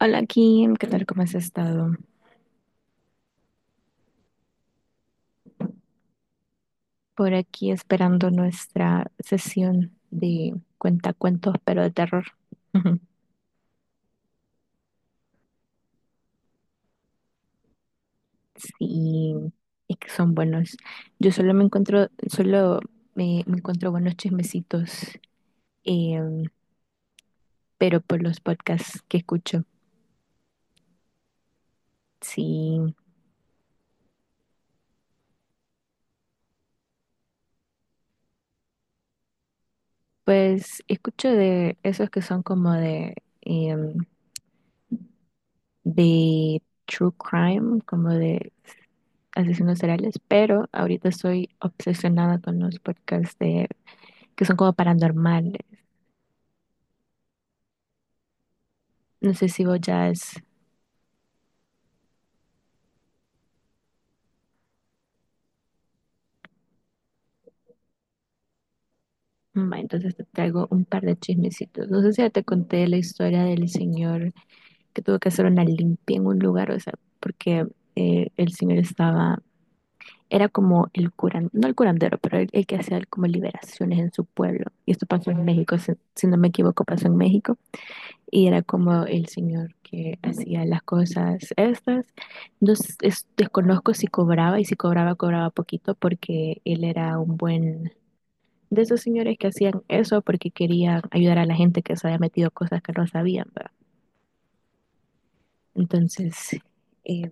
Hola Kim, ¿qué tal? ¿Cómo has estado? Por aquí esperando nuestra sesión de cuentacuentos, pero de terror. Sí, y que son buenos. Yo solo me encuentro, solo me encuentro buenos chismecitos, eh, pero por los podcasts que escucho. Sí, pues escucho de esos que son como eh, de true crime, como de asesinos seriales, pero ahorita estoy obsesionada con los podcasts de, que son como paranormales. No sé si vos ya es... Ma, entonces te traigo un par de chismecitos. No sé si ya te conté la historia del señor que tuvo que hacer una limpia en un lugar, o sea, porque el señor estaba, era como el curandero, no el curandero, pero el que hacía como liberaciones en su pueblo. Y esto pasó en México, si no me equivoco, pasó en México. Y era como el señor que hacía las cosas estas. Desconozco si cobraba y si cobraba, cobraba poquito porque él era un buen, de esos señores que hacían eso porque querían ayudar a la gente que se había metido cosas que no sabían, ¿verdad? Entonces, eh,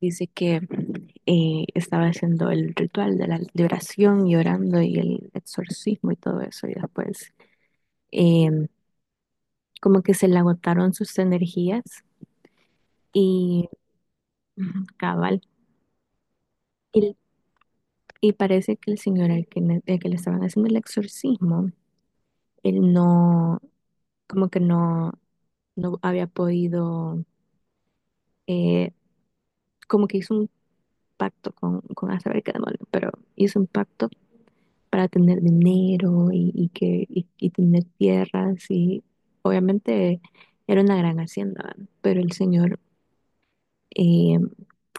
dice que estaba haciendo el ritual de la de oración y orando y el exorcismo y todo eso. Y después, eh, como que se le agotaron sus energías y ujú, cabal. Y, y parece que el señor al que, al que le estaban haciendo el exorcismo, él no, como que no, no había podido, eh, como que hizo un pacto con a saber qué demonio, pero hizo un pacto para tener dinero y que, y tener tierras y obviamente era una gran hacienda, ¿verdad? Pero el señor eh,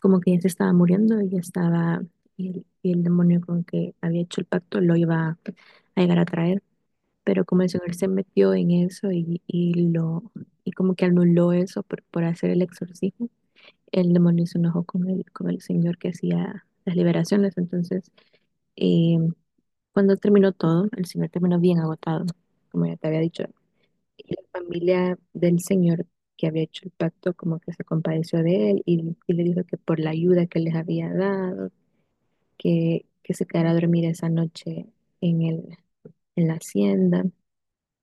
como que ya se estaba muriendo y ya estaba, y el demonio con que había hecho el pacto lo iba a llegar a traer. Pero como el señor se metió en eso y lo y como que anuló eso por hacer el exorcismo, el demonio se enojó con el señor que hacía las liberaciones. Entonces, eh, cuando terminó todo, el señor terminó bien agotado, como ya te había dicho, y la familia del señor que había hecho el pacto como que se compadeció de él y le dijo que por la ayuda que les había dado, que se quedara a dormir esa noche en el, en la hacienda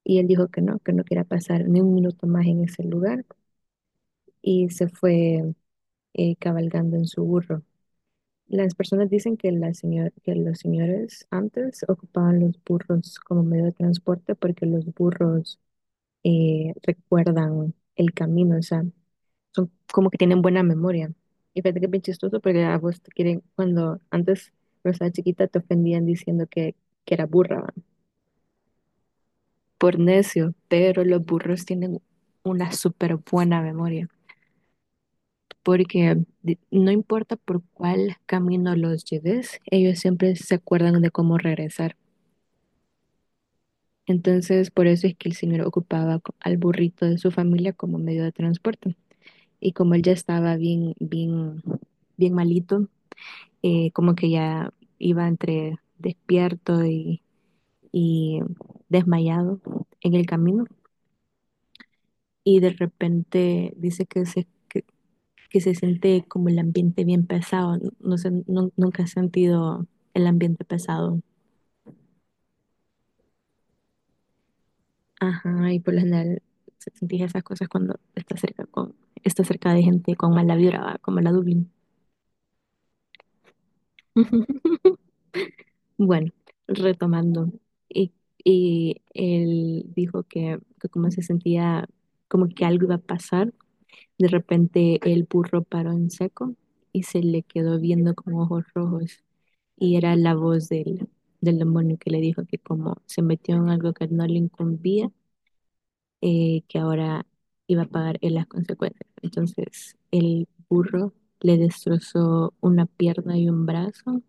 y él dijo que no quería pasar ni un minuto más en ese lugar y se fue cabalgando en su burro. Las personas dicen que, que los señores antes ocupaban los burros como medio de transporte porque los burros recuerdan el camino, o sea, son como que tienen buena memoria. Y fíjate que es bien chistoso porque a vos te quieren, cuando antes, cuando estaba chiquita, te ofendían diciendo que era burra, ¿va? Por necio, pero los burros tienen una súper buena memoria, porque no importa por cuál camino los lleves, ellos siempre se acuerdan de cómo regresar. Entonces, por eso es que el señor ocupaba al burrito de su familia como medio de transporte. Y como él ya estaba bien, bien, bien malito, como que ya iba entre despierto y desmayado en el camino. Y de repente dice que se siente como el ambiente bien pesado. No sé, nunca he sentido el ambiente pesado. Ajá, y por lo general sentís esas cosas cuando estás cerca con, estás cerca de gente con mala vibra, ¿va? Como la Dublín. Bueno, retomando, y, y él dijo que como se sentía como que algo iba a pasar. De repente el burro paró en seco y se le quedó viendo con ojos rojos. Y era la voz del, del demonio que le dijo que como se metió en algo que no le incumbía, que ahora iba a pagar él las consecuencias. Entonces el burro le destrozó una pierna y un brazo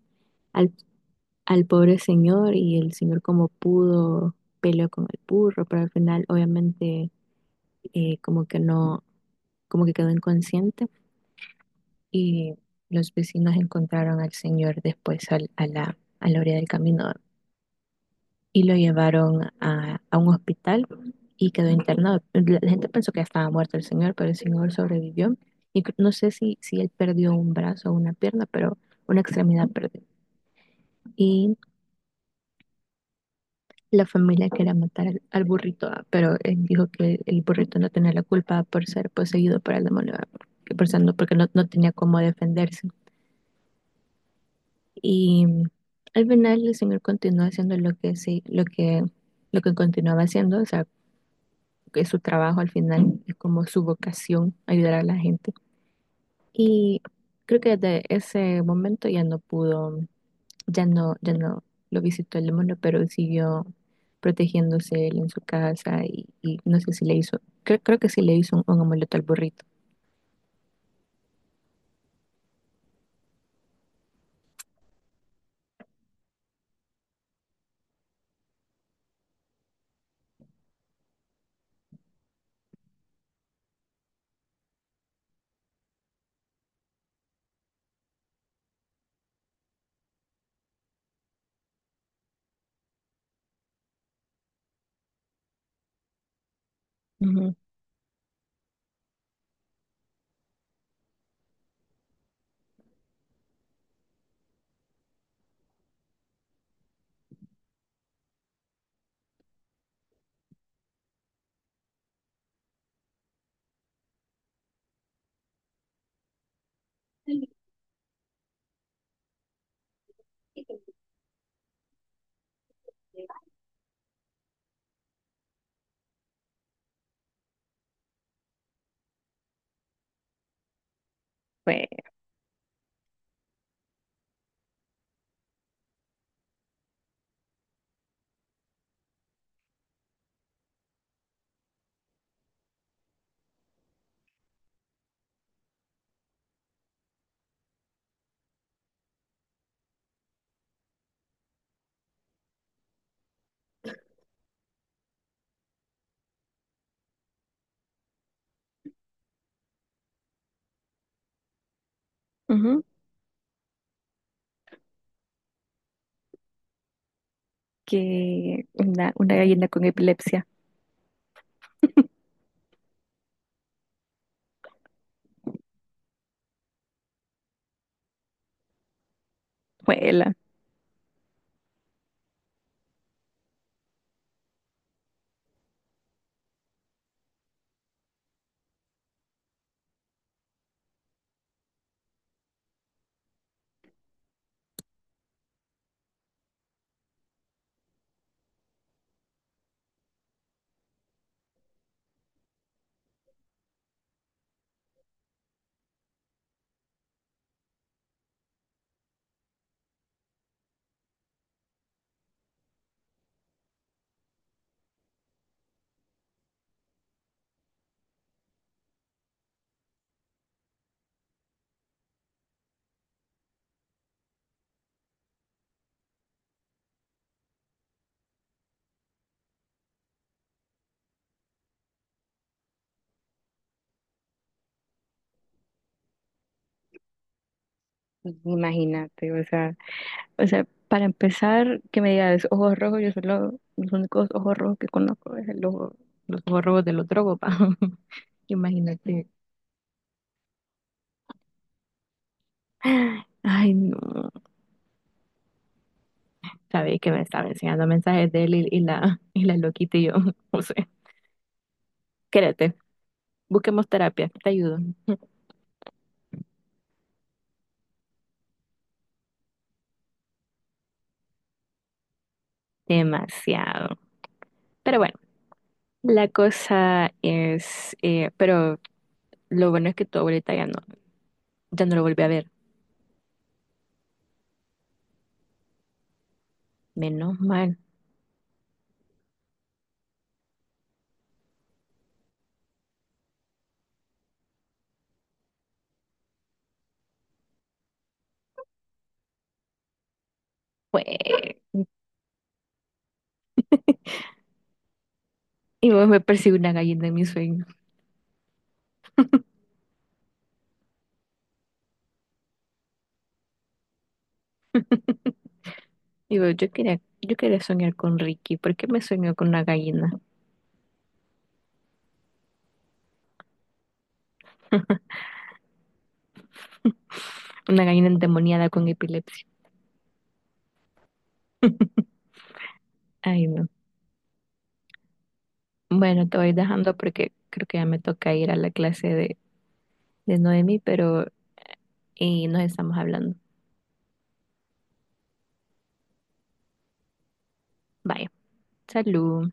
al, al pobre señor y el señor como pudo peleó con el burro, pero al final obviamente como que no, como que quedó inconsciente y los vecinos encontraron al señor después a la orilla del camino y lo llevaron a un hospital y quedó internado. La gente pensó que ya estaba muerto el señor, pero el señor sobrevivió. Y no sé si, si él perdió un brazo o una pierna, pero una extremidad perdió. Y la familia quería matar al, al burrito, ah, pero él dijo que el burrito no tenía la culpa por ser poseído por el demonio, ah, que por ser porque no, no tenía cómo defenderse. Y al final el señor continuó haciendo lo que sí, lo que continuaba haciendo, o sea, que es su trabajo al final, es como su vocación, ayudar a la gente. Y creo que desde ese momento ya no pudo, ya no, ya no lo visitó el demonio, pero siguió protegiéndose él en su casa y no sé si le hizo, creo, creo que sí le hizo un amuleto al burrito. Ujú. Fue. Ujú, que una gallina con epilepsia. Fue la. Imagínate, o sea. O sea, para empezar, que me digas ojos rojos, yo solo, los únicos ojos rojos que conozco es el ojo, los ojos rojos de los drogos, pa. Imagínate. Ay, no. Sabéis que me estaba enseñando mensajes de él y la, y la loquita y yo, no sé. Quédate, busquemos terapia, te ayudo. Demasiado. Pero bueno, la cosa es, pero lo bueno es que tu abuelita ya no, ya no lo volví a ver. Menos mal. Fue. Y vos me persigue una gallina en mi sueño. Digo, yo quería soñar con Ricky. ¿Por qué me soñó con una gallina? Una gallina endemoniada con epilepsia. Ay, no. Bueno, te voy dejando porque creo que ya me toca ir a la clase de Noemi, pero y nos estamos hablando. Vaya, salud.